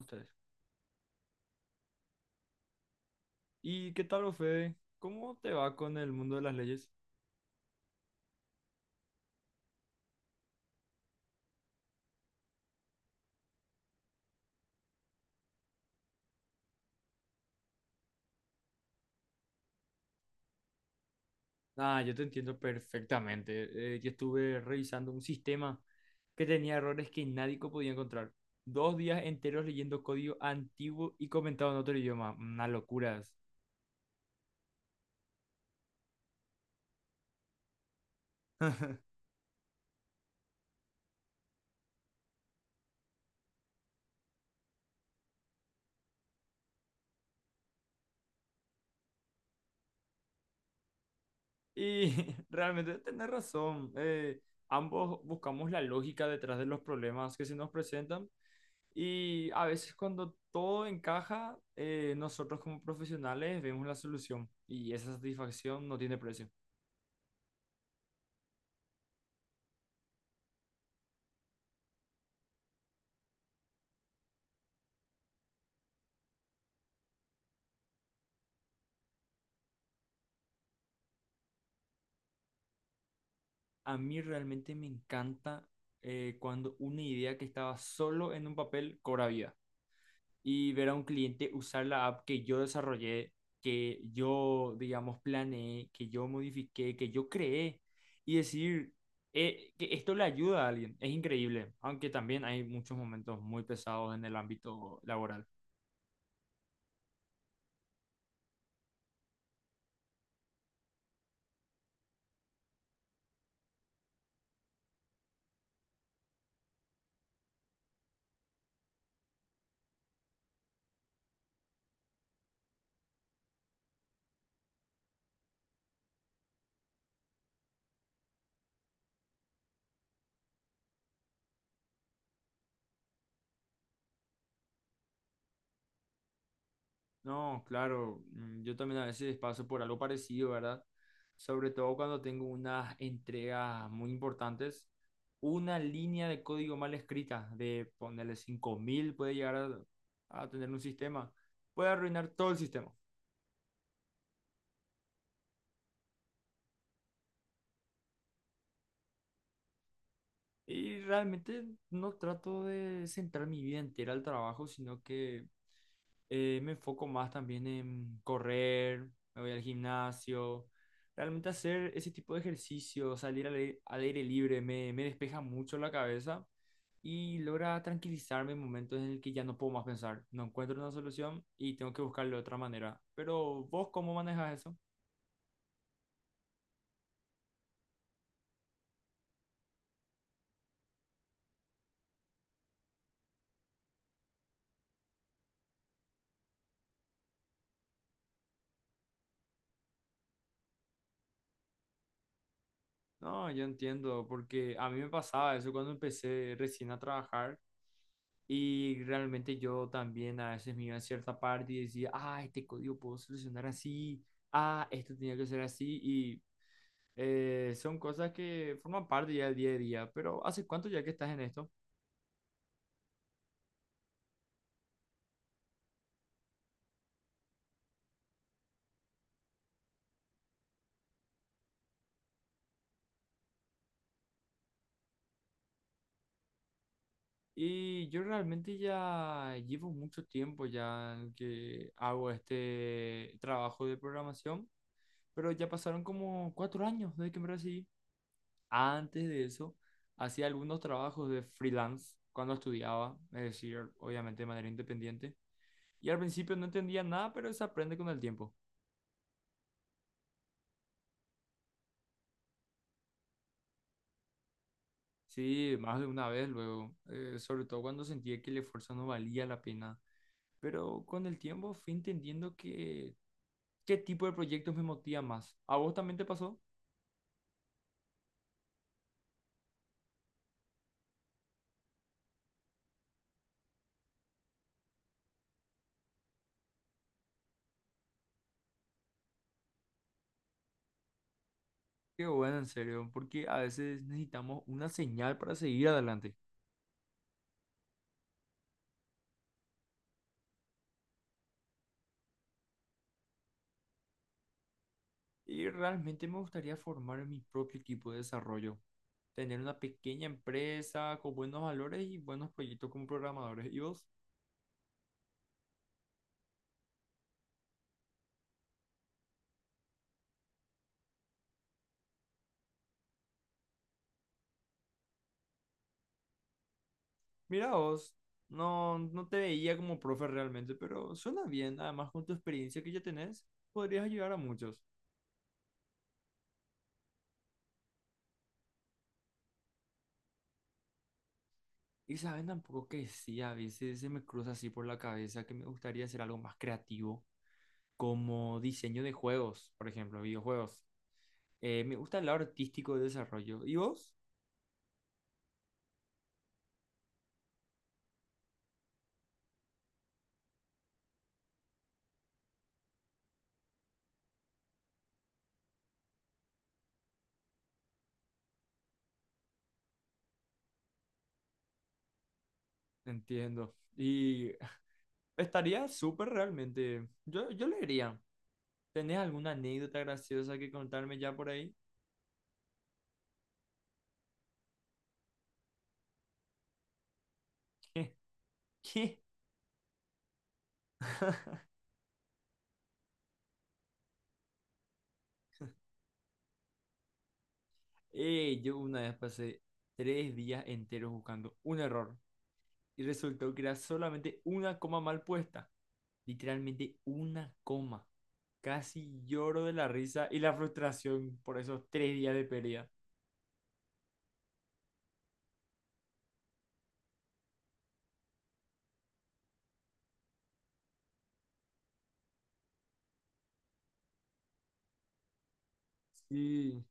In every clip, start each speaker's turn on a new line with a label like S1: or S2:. S1: Ustedes. ¿Y qué tal, Fede? ¿Cómo te va con el mundo de las leyes? Ah, yo te entiendo perfectamente. Yo estuve revisando un sistema que tenía errores que nadie podía encontrar. 2 días enteros leyendo código antiguo y comentado en otro idioma. Unas locuras. Y realmente tenés razón. Ambos buscamos la lógica detrás de los problemas que se nos presentan. Y a veces cuando todo encaja, nosotros como profesionales vemos la solución y esa satisfacción no tiene precio. A mí realmente me encanta cuando una idea que estaba solo en un papel cobra vida y ver a un cliente usar la app que yo desarrollé, que yo, digamos, planeé, que yo modifiqué, que yo creé y decir que esto le ayuda a alguien. Es increíble, aunque también hay muchos momentos muy pesados en el ámbito laboral. No, claro, yo también a veces paso por algo parecido, ¿verdad? Sobre todo cuando tengo unas entregas muy importantes, una línea de código mal escrita, de ponerle 5.000 puede llegar a tener un sistema, puede arruinar todo el sistema. Y realmente no trato de centrar mi vida entera al trabajo, sino que me enfoco más también en correr, me voy al gimnasio. Realmente hacer ese tipo de ejercicio, salir al aire libre, me despeja mucho la cabeza y logra tranquilizarme en momentos en el que ya no puedo más pensar. No encuentro una solución y tengo que buscarle otra manera. Pero vos, ¿cómo manejas eso? No, yo entiendo, porque a mí me pasaba eso cuando empecé recién a trabajar. Y realmente yo también a veces me iba a cierta parte y decía, ah, este código puedo solucionar así, ah, esto tenía que ser así. Y son cosas que forman parte ya del día a día. Pero ¿hace cuánto ya que estás en esto? Y yo realmente ya llevo mucho tiempo ya que hago este trabajo de programación, pero ya pasaron como 4 años desde que me recibí. Antes de eso, hacía algunos trabajos de freelance cuando estudiaba, es decir, obviamente de manera independiente. Y al principio no entendía nada, pero se aprende con el tiempo. Sí, más de una vez luego, sobre todo cuando sentía que el esfuerzo no valía la pena. Pero con el tiempo fui entendiendo que qué tipo de proyectos me motiva más. ¿A vos también te pasó? Qué bueno, en serio, porque a veces necesitamos una señal para seguir adelante. Y realmente me gustaría formar mi propio equipo de desarrollo, tener una pequeña empresa con buenos valores y buenos proyectos como programadores. ¿Y vos? Mira vos, no, no te veía como profe realmente, pero suena bien. Además, con tu experiencia que ya tenés, podrías ayudar a muchos. Y saben tampoco que sí, a veces se me cruza así por la cabeza que me gustaría hacer algo más creativo, como diseño de juegos, por ejemplo, videojuegos. Me gusta el lado artístico de desarrollo. ¿Y vos? Entiendo. Y estaría súper realmente. Yo leería. ¿Tenés alguna anécdota graciosa que contarme ya por ahí? ¿Qué? Yo una vez pasé 3 días enteros buscando un error y resultó que era solamente una coma mal puesta. Literalmente una coma. Casi lloro de la risa y la frustración por esos 3 días de pérdida. Y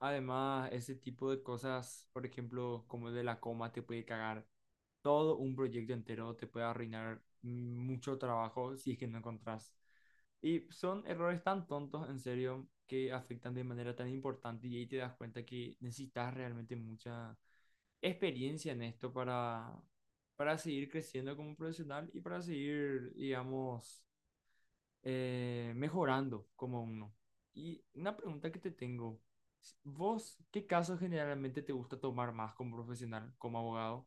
S1: además, ese tipo de cosas, por ejemplo, como el de la coma, te puede cagar todo un proyecto entero, te puede arruinar mucho trabajo si es que no encontrás. Y son errores tan tontos, en serio, que afectan de manera tan importante y ahí te das cuenta que necesitas realmente mucha experiencia en esto para, seguir creciendo como profesional y para seguir, digamos, mejorando como uno. Y una pregunta que te tengo, ¿vos qué casos generalmente te gusta tomar más como profesional, como abogado?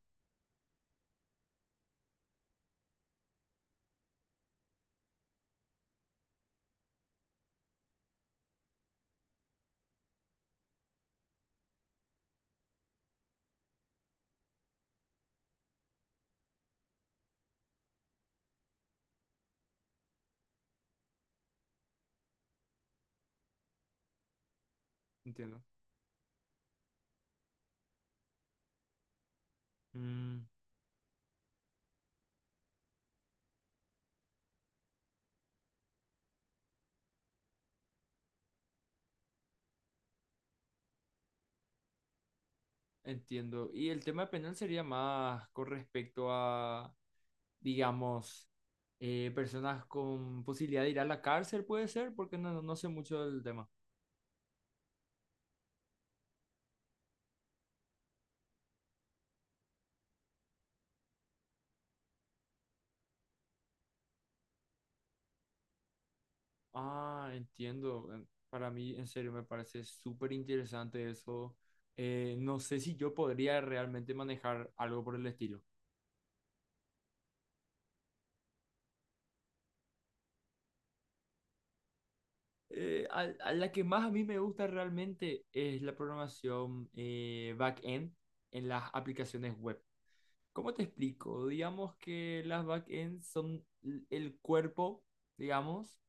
S1: Entiendo. Mm, entiendo. Y el tema penal sería más con respecto a, digamos, personas con posibilidad de ir a la cárcel, puede ser, porque no, no sé mucho del tema. Ah, entiendo. En- Para mí, en serio, me parece súper interesante eso. No sé si yo podría realmente manejar algo por el estilo. A la que más a mí me gusta realmente es la programación, back-end en las aplicaciones web. ¿Cómo te explico? Digamos que las back-end son el cuerpo, digamos,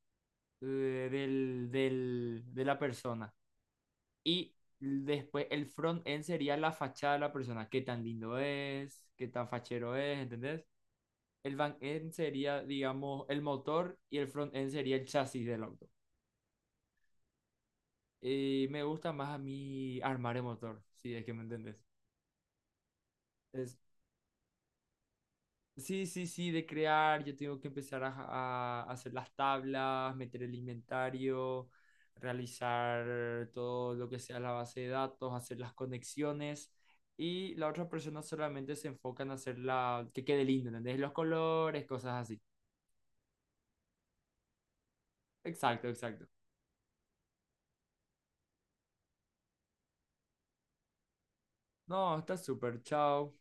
S1: de la persona. Y después el front-end sería la fachada de la persona. Qué tan lindo es, qué tan fachero es, ¿entendés? El back-end sería, digamos, el motor y el front-end sería el chasis del auto. Y me gusta más a mí armar el motor, si es que me entendés. Es, Sí, sí, sí, de crear, yo tengo que empezar a, a hacer las tablas, meter el inventario, realizar todo lo que sea la base de datos, hacer las conexiones y la otra persona solamente se enfoca en hacer la, que quede lindo, ¿entendés? Los colores, cosas así. Exacto, exacto. No, está súper, chao.